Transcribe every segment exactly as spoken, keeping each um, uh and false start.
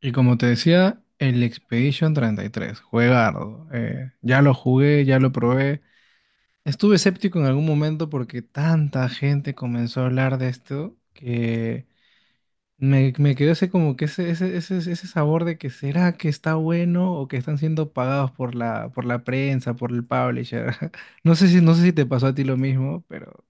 Y como te decía, el Expedition treinta y tres, juegardo. Eh, ya lo jugué, ya lo probé. Estuve escéptico en algún momento porque tanta gente comenzó a hablar de esto que me, me quedó ese como que ese, ese, ese, ese sabor de que será que está bueno o que están siendo pagados por la, por la prensa, por el publisher. No sé si, no sé si te pasó a ti lo mismo, pero...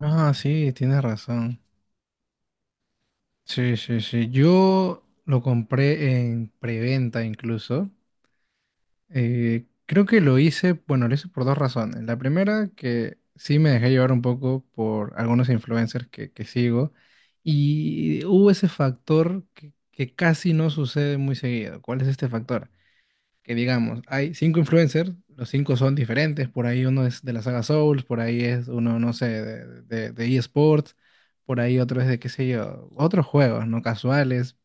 Ah, sí, tienes razón. Sí, sí, sí, yo lo compré en preventa incluso. Eh, creo que lo hice, bueno, lo hice por dos razones. La primera, que sí me dejé llevar un poco por algunos influencers que, que sigo y hubo ese factor que, que casi no sucede muy seguido. ¿Cuál es este factor? Que digamos, hay cinco influencers, los cinco son diferentes, por ahí uno es de la saga Souls, por ahí es uno, no sé, de, de, de eSports, por ahí otro es de, qué sé yo, otros juegos, no casuales,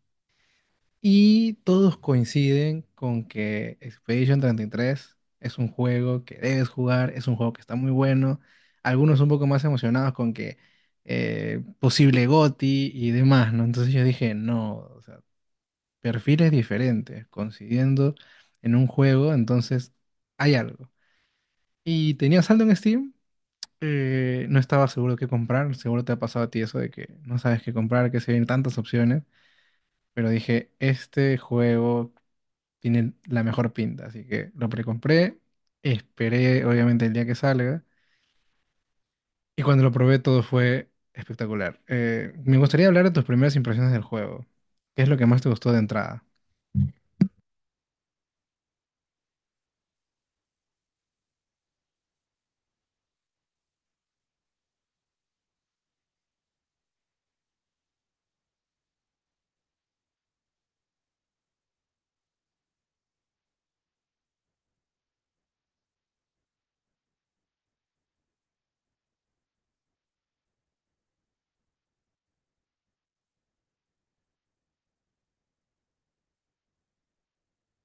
y todos coinciden con que Expedition treinta y tres es un juego que debes jugar, es un juego que está muy bueno. Algunos un poco más emocionados con que eh, posible GOTY y demás, ¿no? Entonces yo dije, no, o sea, perfiles diferentes, coincidiendo en un juego, entonces hay algo. Y tenía saldo en Steam, eh, no estaba seguro qué comprar, seguro te ha pasado a ti eso de que no sabes qué comprar, que se ven tantas opciones, pero dije, este juego tiene la mejor pinta, así que lo precompré, esperé obviamente el día que salga y cuando lo probé todo fue espectacular. Eh, me gustaría hablar de tus primeras impresiones del juego. ¿Qué es lo que más te gustó de entrada?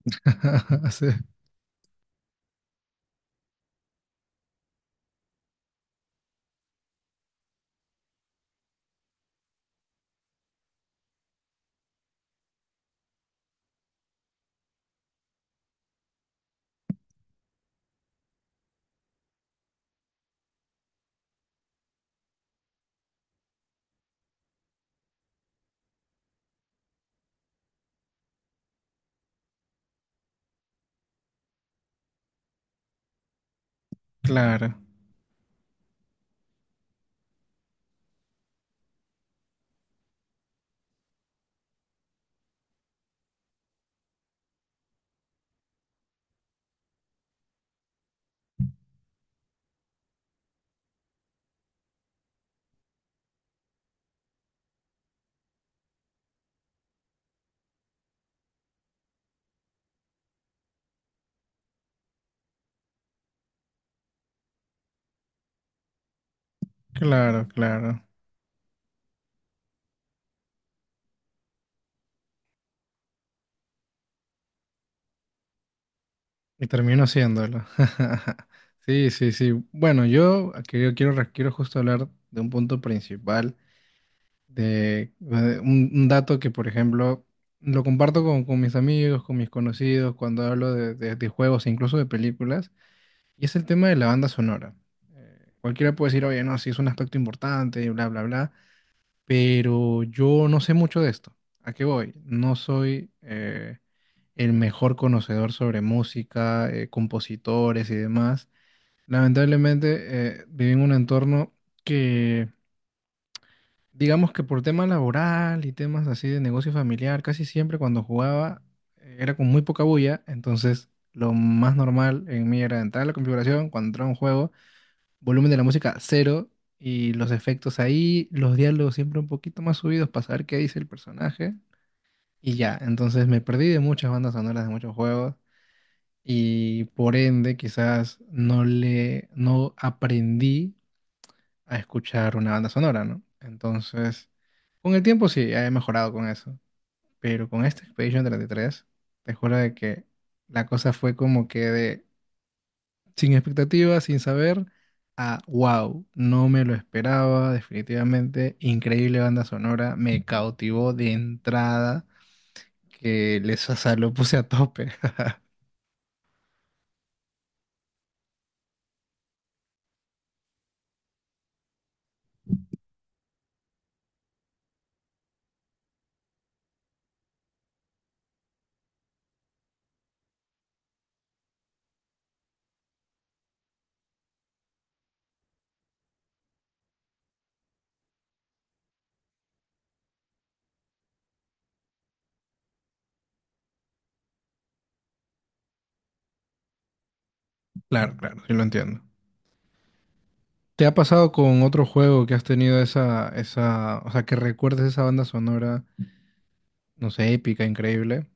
Sí, claro, claro, claro. Y termino haciéndolo. Sí, sí, sí. Bueno, yo quiero, quiero, quiero justo hablar de un punto principal de, de un, un dato que, por ejemplo, lo comparto con, con mis amigos, con mis conocidos, cuando hablo de, de- de juegos e incluso de películas, y es el tema de la banda sonora. Eh, cualquiera puede decir, oye, no, sí es un aspecto importante, y bla, bla, bla, pero yo no sé mucho de esto. ¿A qué voy? No soy eh, el mejor conocedor sobre música, eh, compositores y demás. Lamentablemente, eh, viví en un entorno que digamos que por tema laboral y temas así de negocio familiar, casi siempre cuando jugaba eh, era con muy poca bulla, entonces lo más normal en mí era entrar a la configuración, cuando entraba a un juego, volumen de la música cero y los efectos ahí, los diálogos siempre un poquito más subidos para saber qué dice el personaje y ya, entonces me perdí de muchas bandas sonoras de muchos juegos y por ende quizás no le, no aprendí a escuchar una banda sonora, ¿no? Entonces... Con el tiempo sí, he mejorado con eso, pero con este Expedition treinta y tres, te juro de que la cosa fue como que de sin expectativas, sin saber, a wow, no me lo esperaba, definitivamente, increíble banda sonora, me cautivó de entrada, que les o lo puse a tope. Claro, claro, sí lo entiendo. ¿Te ha pasado con otro juego que has tenido esa, esa, o sea, que recuerdes esa banda sonora, no sé, épica, increíble?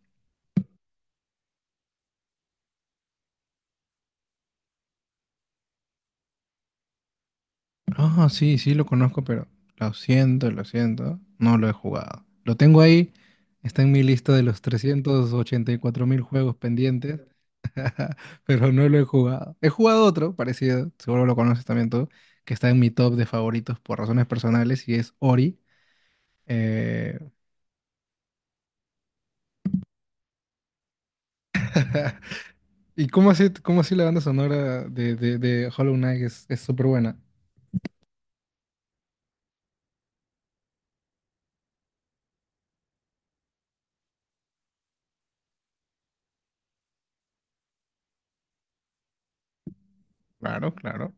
Ah, sí, sí lo conozco, pero lo siento, lo siento, no lo he jugado. Lo tengo ahí, está en mi lista de los trescientos ochenta y cuatro mil juegos pendientes, pero no lo he jugado. He jugado otro parecido, seguro lo conoces también tú, que está en mi top de favoritos por razones personales y es Ori. Eh, ¿Y cómo así, cómo así la banda sonora de, de, de Hollow Knight es, es súper buena? Claro, claro.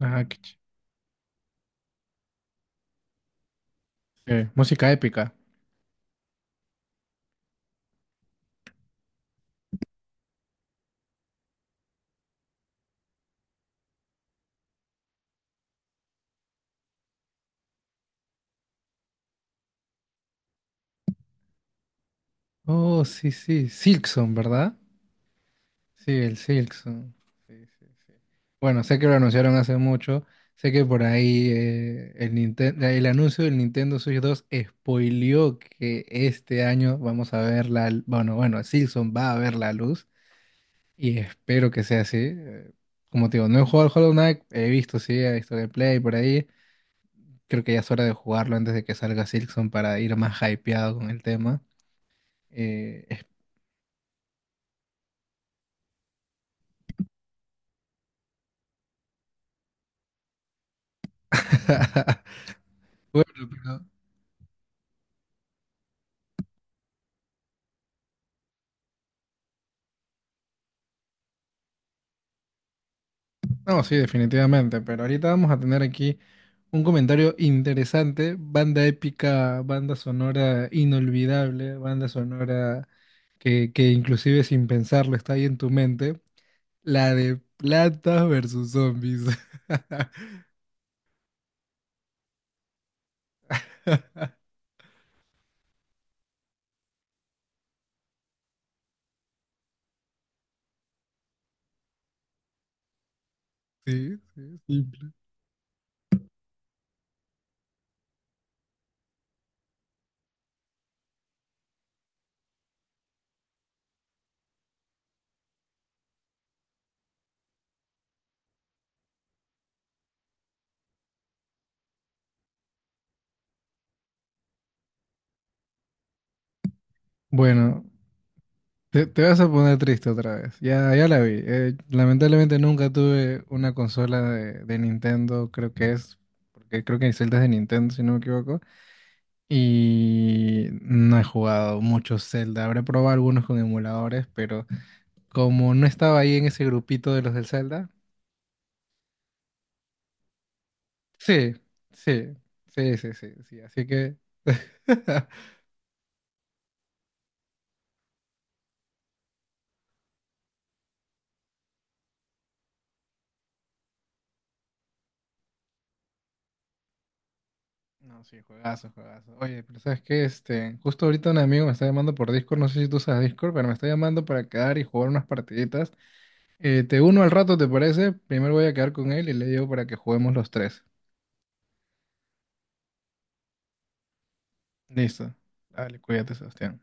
Ajá, qué ch- eh, música épica. Oh, sí, sí, Silksong, ¿verdad? Sí, el Silkson. Sí, sí, sí. Bueno, sé que lo anunciaron hace mucho. Sé que por ahí eh, el Ninten- el anuncio del Nintendo Switch dos spoileó que este año vamos a ver la... Bueno, bueno, Silkson va a ver la luz y espero que sea así. Eh, Como te digo, no he jugado al Hollow Knight, he visto, sí, he visto gameplay por ahí. Creo que ya es hora de jugarlo antes de que salga Silkson para ir más hypeado con el tema. Eh, Bueno, no, sí, definitivamente, pero ahorita vamos a tener aquí un comentario interesante, banda épica, banda sonora inolvidable, banda sonora que, que inclusive sin pensarlo está ahí en tu mente, la de Plantas versus Zombies. Sí, sí, simple. Bueno, te, te vas a poner triste otra vez, ya, ya la vi. Eh, lamentablemente nunca tuve una consola de, de Nintendo, creo que es, porque creo que hay celdas de Nintendo, si no me equivoco. Y no he jugado mucho Zelda. Habré probado algunos con emuladores, pero como no estaba ahí en ese grupito de los del Zelda, sí, sí, sí, sí, sí, sí. Así que. No, sí, juegazo, juegazo. Oye, pero ¿sabes qué? Este, justo ahorita un amigo me está llamando por Discord, no sé si tú usas Discord, pero me está llamando para quedar y jugar unas partiditas. Eh, te uno al rato, ¿te parece? Primero voy a quedar con él y le digo para que juguemos los tres. Listo. Dale, cuídate, Sebastián.